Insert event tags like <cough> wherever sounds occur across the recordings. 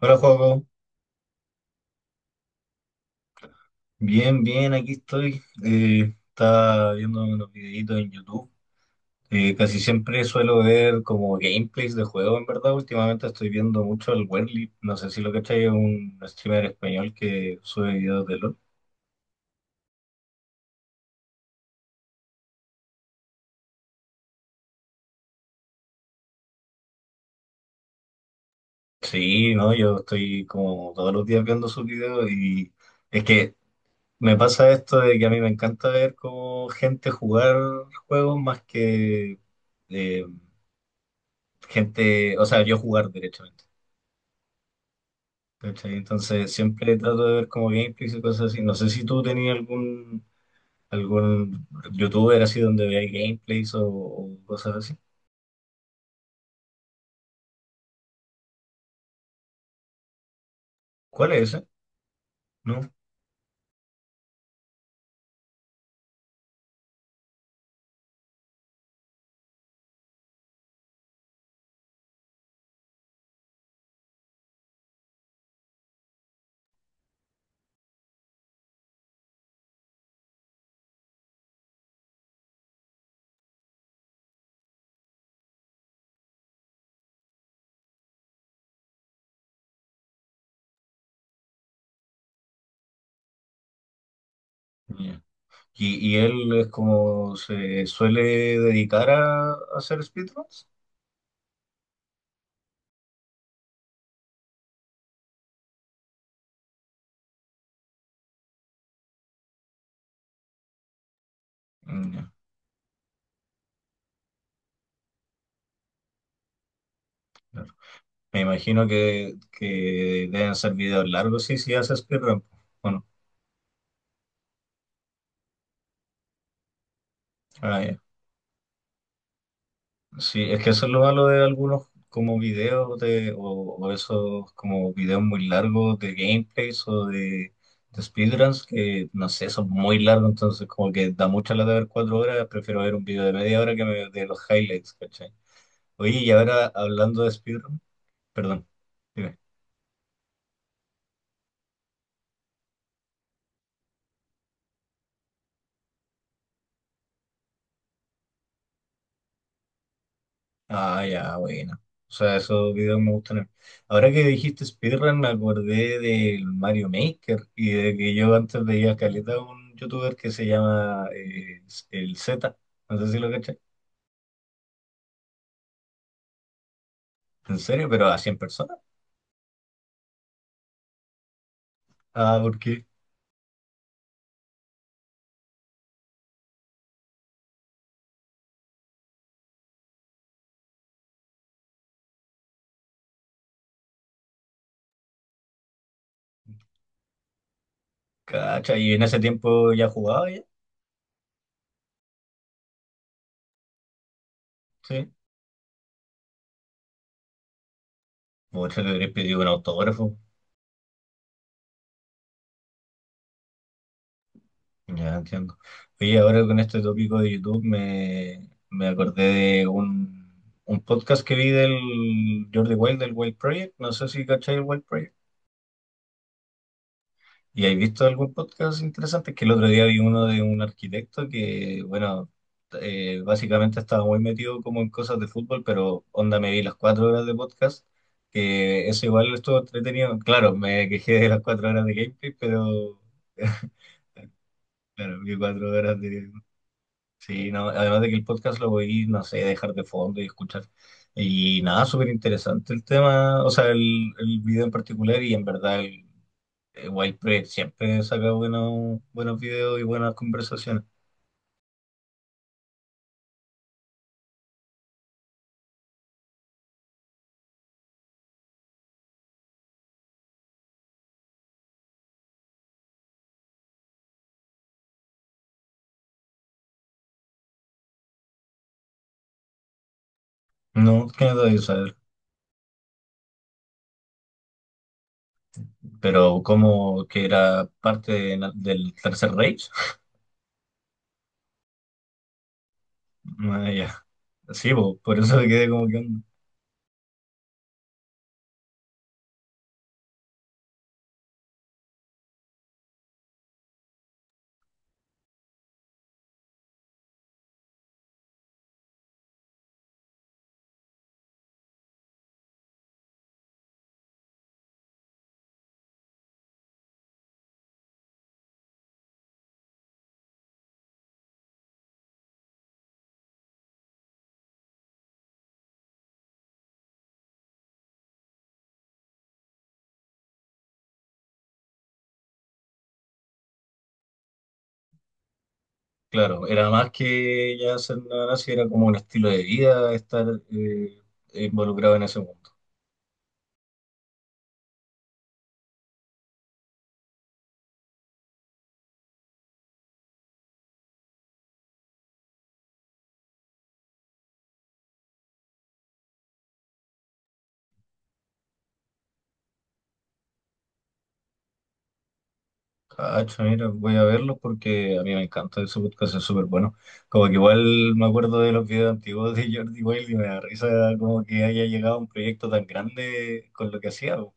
Hola, Joaco. Bien, bien, aquí estoy. Estaba viendo unos videitos en YouTube. Casi siempre suelo ver como gameplays de juegos, en verdad. Últimamente estoy viendo mucho el Werly. No sé si lo cachai, es un streamer español que sube videos de LOL. Sí, no, yo estoy como todos los días viendo sus videos y es que me pasa esto de que a mí me encanta ver como gente jugar juegos más que eh, gente, o sea, yo jugar derechamente. ¿Cachai? Entonces siempre trato de ver como gameplays y cosas así. No sé si tú tenías algún youtuber así donde veas gameplays o cosas así. ¿Cuál es ese? ¿No? Ya. Y él es como se suele dedicar a hacer speedruns? Mm, ya, claro. Me imagino que deben ser videos largos, sí, sí hace speedrun. Bueno, sí, es que eso es lo malo de algunos como videos o esos como videos muy largos de gameplays de speedruns que no sé, son muy largos, entonces como que da mucha lata ver cuatro horas, prefiero ver un video de media hora que me, de los highlights, ¿cachai? Oye, y ahora hablando de speedrun, perdón. Dime. Ah, ya, bueno. O sea, esos videos me gustan a mí. Ahora que dijiste speedrun, me acordé del Mario Maker y de que yo antes veía caleta a un youtuber que se llama el Z. No sé si lo caché. ¿En serio? ¿Pero a 100 personas? Ah, ¿por qué? Cacha, y en ese tiempo ya jugaba ya. Sí. Mucho le habría pedido un autógrafo. Ya entiendo. Oye, ahora con este tópico de YouTube me acordé de un podcast que vi del Jordi Wild, del Wild Project. No sé si cachai el Wild Project. ¿Y has visto algún podcast interesante? Es que el otro día vi uno de un arquitecto que, bueno, básicamente estaba muy metido como en cosas de fútbol, pero onda me vi las cuatro horas de podcast, que eso igual estuvo entretenido. Claro, me quejé de las cuatro horas de gameplay, pero <laughs> claro, vi cuatro horas de... Sí, no, además de que el podcast lo voy, no sé, dejar de fondo y escuchar. Y nada, súper interesante el tema, o sea, el video en particular y en verdad el Wild Press siempre saca buenos, buenos videos y buenas conversaciones. No, que no debía saber, pero como que era parte de del Tercer Reich. <laughs> Ah, ya. Sí, po, por eso me quedé como que, onda. Claro, era más que ya ser una nazi, era como un estilo de vida estar eh, involucrado en ese mundo. Cacho, mira, voy a verlo porque a mí me encanta ese podcast, es súper bueno. Como que igual me acuerdo de los videos antiguos de Jordi Wild y me da risa como que haya llegado a un proyecto tan grande con lo que hacía, po.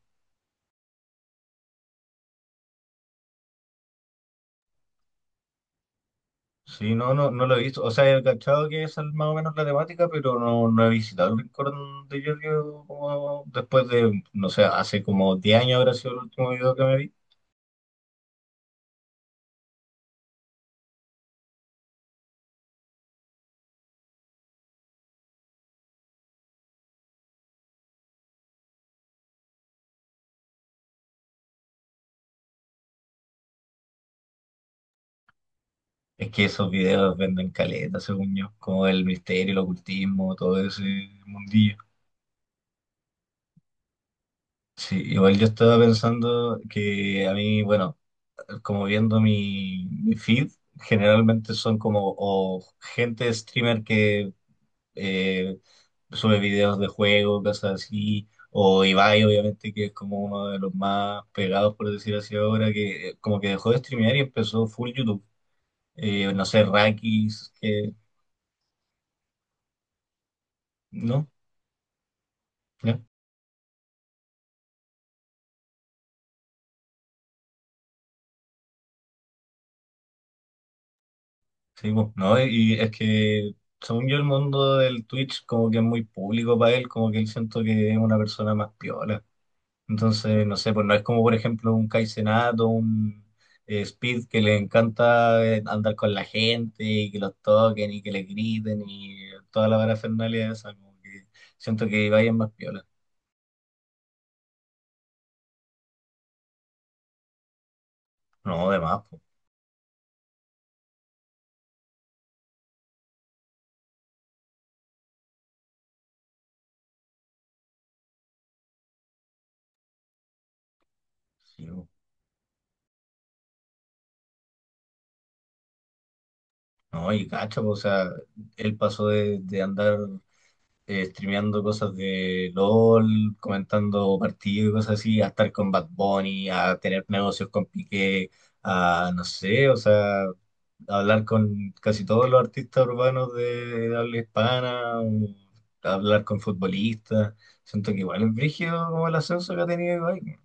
Sí, no, no, no lo he visto. O sea, he cachado que esa es más o menos la temática, pero no, no he visitado el rincón de Jordi como después de, no sé, hace como 10 años habrá sido el último video que me vi. Es que esos videos venden caleta, según yo, como el misterio, el ocultismo, todo ese mundillo. Sí, igual yo estaba pensando que a mí, bueno, como viendo mi feed, generalmente son como o gente streamer que eh, sube videos de juegos, cosas así, o Ibai, obviamente, que es como uno de los más pegados, por decir así ahora, que como que dejó de streamear y empezó full YouTube. No sé, Rakis, que, ¿no? Sí, pues, ¿no? Y es que, según yo, el mundo del Twitch como que es muy público para él, como que él siento que es una persona más piola. Entonces, no sé, pues no es como, por ejemplo, un Kai Cenat o un Speed, que le encanta andar con la gente y que los toquen y que le griten y toda la parafernalia esa, como que siento que vayan más piola. No, además, pues, sí, pues. No, y cacho, pues, o sea, él pasó de andar streameando cosas de LOL, comentando partidos y cosas así, a estar con Bad Bunny, a tener negocios con Piqué, a no sé, o sea, hablar con casi todos los artistas urbanos de habla hispana, o hablar con futbolistas. Siento que igual es brígido como el ascenso que ha tenido Ibai.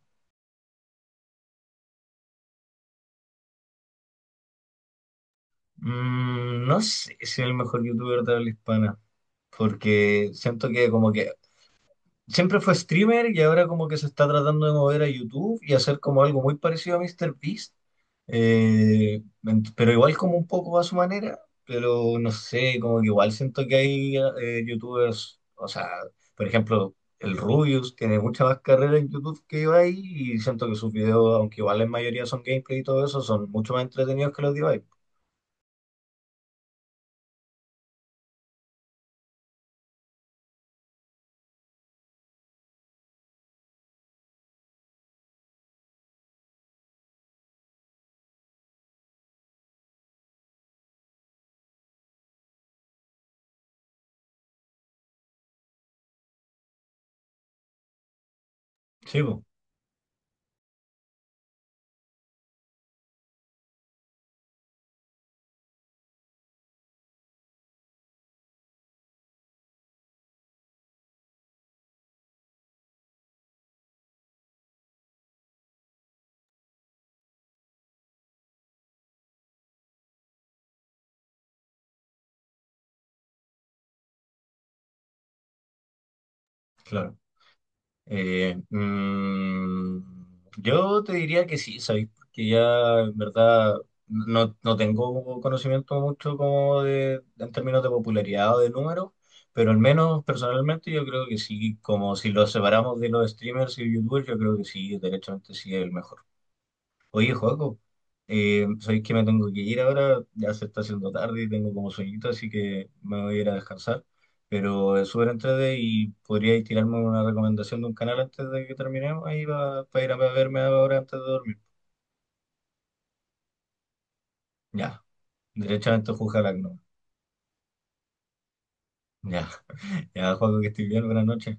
Mm, no sé si es el mejor youtuber de habla hispana. Porque siento que como que siempre fue streamer y ahora como que se está tratando de mover a YouTube y hacer como algo muy parecido a MrBeast, pero igual como un poco a su manera, pero no sé, como que igual siento que hay YouTubers, o sea, por ejemplo, el Rubius tiene mucha más carrera en YouTube que yo ahí y siento que sus videos, aunque igual en mayoría son gameplay y todo eso, son mucho más entretenidos que los de Ibai. Sí, po, claro. Eh, mm, yo te diría que sí, ¿sabes? Porque ya en verdad no, no tengo conocimiento mucho como de, en términos de popularidad o de números, pero al menos personalmente yo creo que sí, como si lo separamos de los streamers y youtubers, yo creo que sí, derechamente sí es el mejor. Oye, Joaco, sabéis que me tengo que ir ahora, ya se está haciendo tarde y tengo como sueñito, así que me voy a ir a descansar. Pero es súper entrete y podríais tirarme una recomendación de un canal antes de que terminemos ahí para ir a verme ahora antes de dormir. Ya, derechamente juzgar no. Ya, <laughs> ya, Joaco, que estés bien, buenas noches.